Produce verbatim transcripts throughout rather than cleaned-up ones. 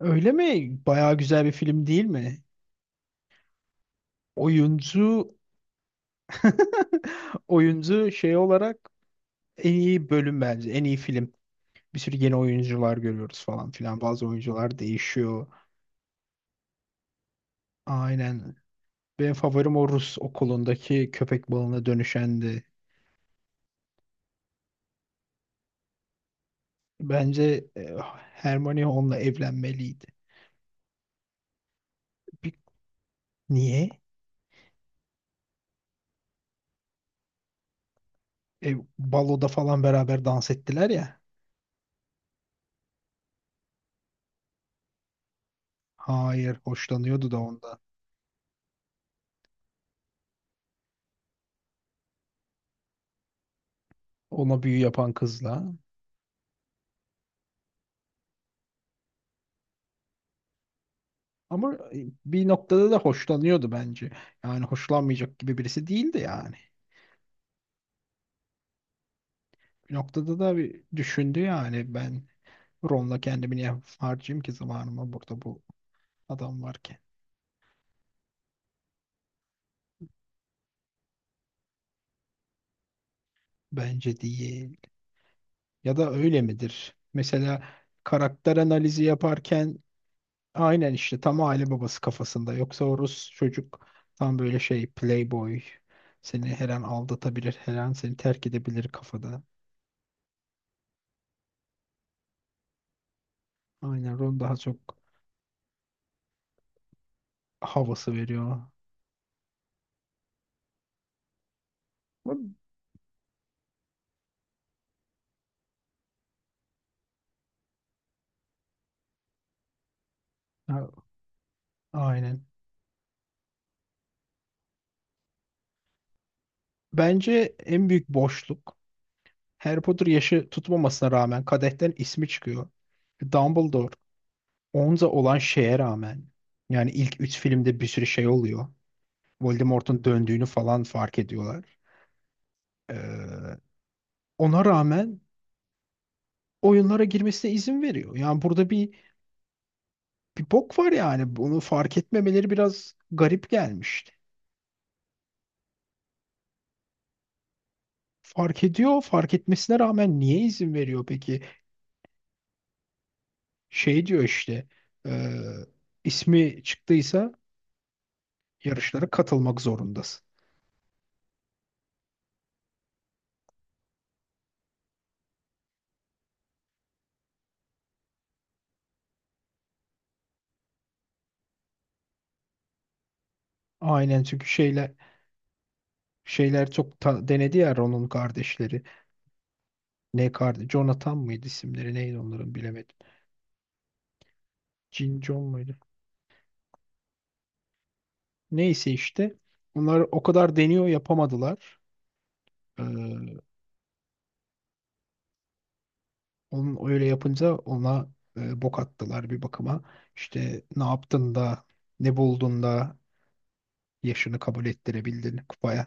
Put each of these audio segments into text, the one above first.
Öyle mi? Bayağı güzel bir film değil mi? Oyuncu oyuncu şey olarak en iyi bölüm bence. En iyi film. Bir sürü yeni oyuncular görüyoruz falan filan. Bazı oyuncular değişiyor. Aynen. Benim favorim o Rus okulundaki köpek balığına dönüşendi. Bence e, Hermione onunla evlenmeliydi. Bir- niye? E, baloda falan beraber dans ettiler ya. Hayır, hoşlanıyordu da ondan. Ona büyü yapan kızla. Ama e, bir noktada da hoşlanıyordu bence. Yani hoşlanmayacak gibi birisi değildi yani. Bir noktada da bir düşündü yani ben Ron'la kendimi niye harcayayım ki zamanımı burada bu adam varken. Bence değil. Ya da öyle midir? Mesela karakter analizi yaparken aynen işte tam aile babası kafasında. Yoksa o Rus çocuk tam böyle şey playboy. Seni her an aldatabilir, her an seni terk edebilir kafada. Aynen Ron daha çok havası veriyor. Ha, aynen. Bence en büyük boşluk Harry Potter yaşı tutmamasına rağmen kadehten ismi çıkıyor. Dumbledore Onza olan şeye rağmen yani ilk üç filmde bir sürü şey oluyor. Voldemort'un döndüğünü falan fark ediyorlar. Ee, ona rağmen oyunlara girmesine izin veriyor. Yani burada bir, bir bok var yani. Bunu fark etmemeleri biraz garip gelmişti. Fark ediyor, fark etmesine rağmen niye izin veriyor peki? Şey diyor işte e, ismi çıktıysa yarışlara katılmak zorundasın. Aynen çünkü şeyler şeyler çok ta- denedi ya Ron'un kardeşleri. Ne kardeş? Jonathan mıydı isimleri? Neydi onların bilemedim. Jin John muydu? Neyse işte onlar o kadar deniyor yapamadılar. Ee, onun öyle yapınca ona e, bok attılar bir bakıma. İşte ne yaptın da ne buldun da yaşını kabul ettirebildin kupaya.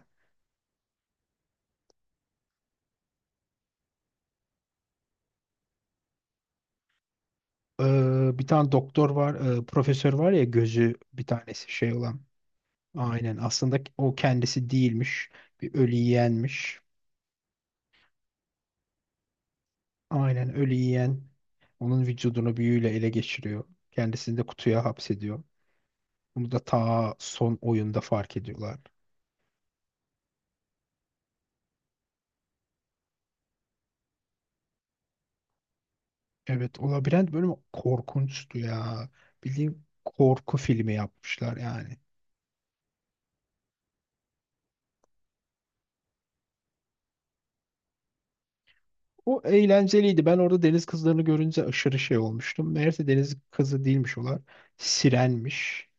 Ee, bir tane doktor var, e, profesör var ya gözü bir tanesi şey olan. Aynen aslında o kendisi değilmiş. Bir ölü yiyenmiş. Aynen ölü yiyen onun vücudunu büyüyle ele geçiriyor. Kendisini de kutuya hapsediyor. Bunu da ta son oyunda fark ediyorlar. Evet, o labirent bölümü korkunçtu ya. Bildiğin korku filmi yapmışlar yani. O eğlenceliydi. Ben orada deniz kızlarını görünce aşırı şey olmuştum. Meğerse deniz kızı değilmiş olar. Sirenmiş.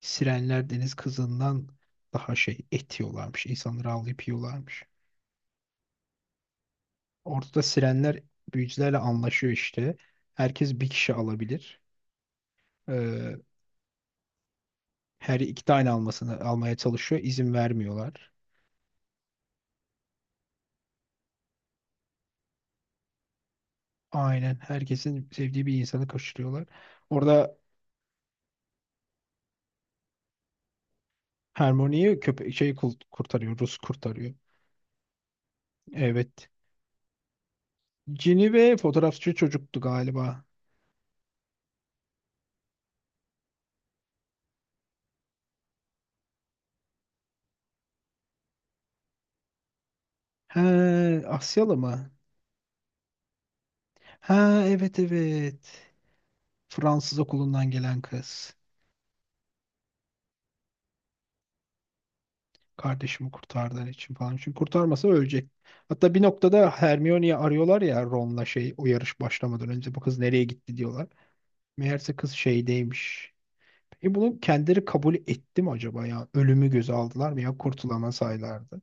Sirenler deniz kızından daha şey et yiyorlarmış. İnsanları avlayıp yiyorlarmış. Orada da sirenler büyücülerle anlaşıyor işte. Herkes bir kişi alabilir. Ee, her iki tane almasını almaya çalışıyor. İzin vermiyorlar. Aynen. Herkesin sevdiği bir insanı kaçırıyorlar. Orada Hermione'yi köpek şey kul- kurtarıyor. Rus kurtarıyor. Evet. Cini ve fotoğrafçı çocuktu galiba. He, Asyalı mı? Ha evet evet. Fransız okulundan gelen kız. Kardeşimi kurtardığın için falan. Çünkü kurtarmasa ölecek. Hatta bir noktada Hermione'yi arıyorlar ya Ron'la şey o yarış başlamadan önce bu kız nereye gitti diyorlar. Meğerse kız şeydeymiş. E bunu kendileri kabul etti mi acaba ya? Ölümü göze aldılar mı ya? Kurtulama saylardı.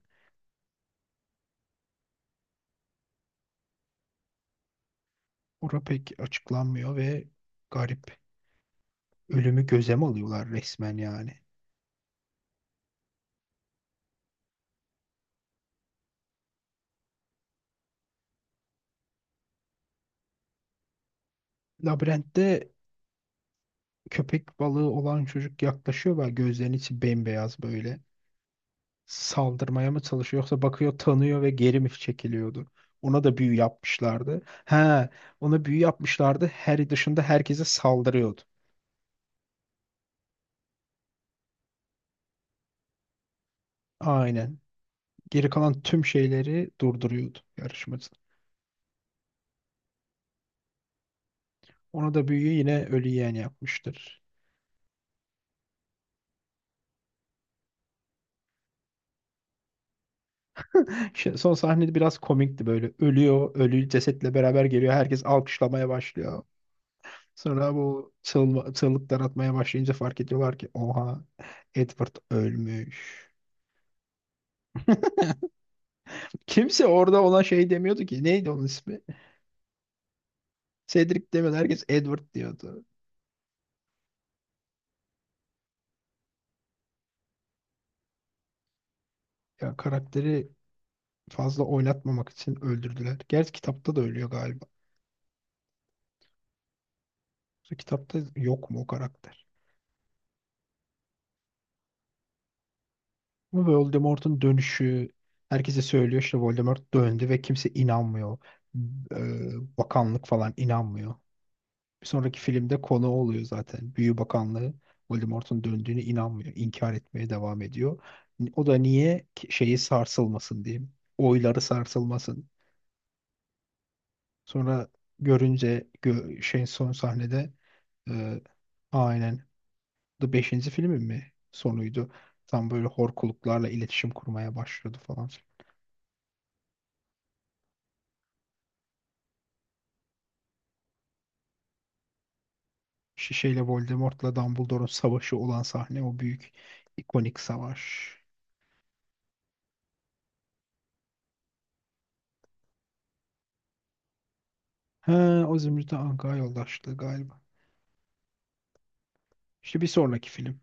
Ora pek açıklanmıyor ve garip. Ölümü göze mi alıyorlar resmen yani? Labirentte köpek balığı olan çocuk yaklaşıyor ve gözlerinin içi bembeyaz böyle. Saldırmaya mı çalışıyor yoksa bakıyor tanıyor ve geri mi çekiliyordu? Ona da büyü yapmışlardı. He, ona büyü yapmışlardı. Harry dışında herkese saldırıyordu. Aynen. Geri kalan tüm şeyleri durduruyordu yarışmacı. Ona da büyüyü yine ölü yeğen yapmıştır. Şey, son sahnede biraz komikti böyle. Ölüyor, ölü cesetle beraber geliyor. Herkes alkışlamaya başlıyor. Sonra bu o çığlık, çığlıklar atmaya başlayınca fark ediyorlar ki oha Edward ölmüş. Kimse orada olan şey demiyordu ki. Neydi onun ismi? Cedric demiyordu. Herkes Edward diyordu. Ya karakteri fazla oynatmamak için öldürdüler. Gerçi kitapta da ölüyor galiba. Kitapta yok mu o karakter? Ama Voldemort'un dönüşü herkese söylüyor işte Voldemort döndü ve kimse inanmıyor. Ee, bakanlık falan inanmıyor. Bir sonraki filmde konu oluyor zaten. Büyü Bakanlığı Voldemort'un döndüğüne inanmıyor. İnkar etmeye devam ediyor. O da niye Ki- şeyi sarsılmasın diye. Oyları sarsılmasın. Sonra görünce gö- şey son sahnede e, aynen the beşinci filmin mi sonuydu. Tam böyle horkuluklarla iletişim kurmaya başlıyordu falan. Şişeyle Voldemort'la Dumbledore'un savaşı olan sahne o büyük ikonik savaş. He, o Zümrüt'e Anka yoldaşlığı galiba. İşte bir sonraki film.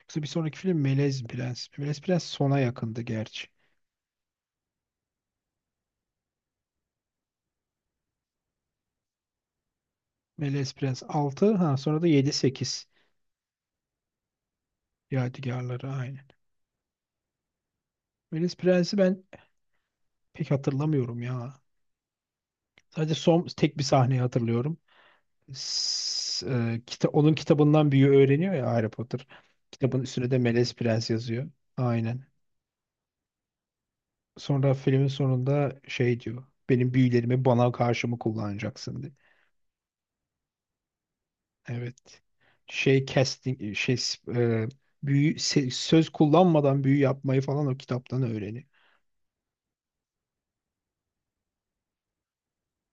Yoksa bir sonraki film Melez Prens. Melez Prens sona yakındı gerçi. Melez Prens altı, ha sonra da yedi, sekiz. Yadigarları aynen. Melez Prens'i ben pek hatırlamıyorum ya. Sadece son tek bir sahneyi hatırlıyorum. S- e, kita onun kitabından büyü öğreniyor ya Harry Potter. Kitabın üstüne de Melez Prens yazıyor. Aynen. Sonra filmin sonunda şey diyor. Benim büyülerimi bana karşı mı kullanacaksın? Evet. Şey casting e, şey e, büyü se- söz kullanmadan büyü yapmayı falan o kitaptan öğreni.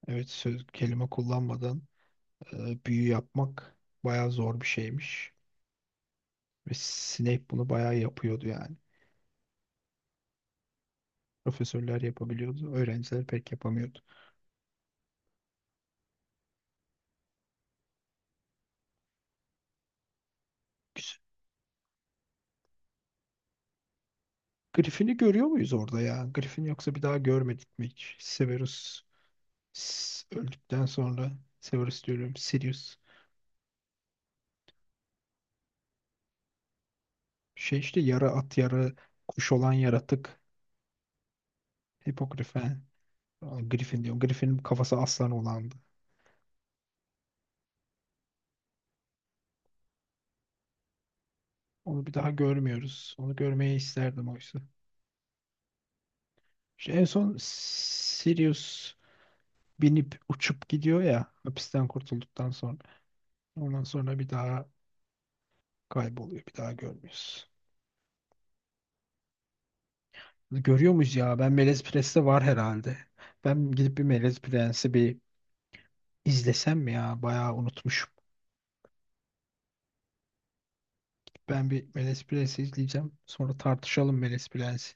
Evet söz kelime kullanmadan e, büyü yapmak bayağı zor bir şeymiş. Ve Snape bunu bayağı yapıyordu yani. Profesörler yapabiliyordu. Öğrenciler pek yapamıyordu. Güzel. Griffin'i görüyor muyuz orada ya? Griffin yoksa bir daha görmedik mi hiç? Severus s- öldükten sonra Severus diyorum Sirius. Şey işte yarı at yarı kuş olan yaratık Hipogrifen. Aa, Griffin diyorum. Griffin'in kafası aslan olandı. Onu bir daha görmüyoruz. Onu görmeyi isterdim oysa. İşte en son Sirius binip uçup gidiyor ya hapisten kurtulduktan sonra. Ondan sonra bir daha kayboluyor. Bir daha görmüyoruz. Görüyor muyuz ya? Ben Melez Prens'te var herhalde. Ben gidip bir Melez Prens'i bir izlesem mi ya? Bayağı unutmuşum. Ben bir Melez Prens'i izleyeceğim. Sonra tartışalım Melez Prens'i.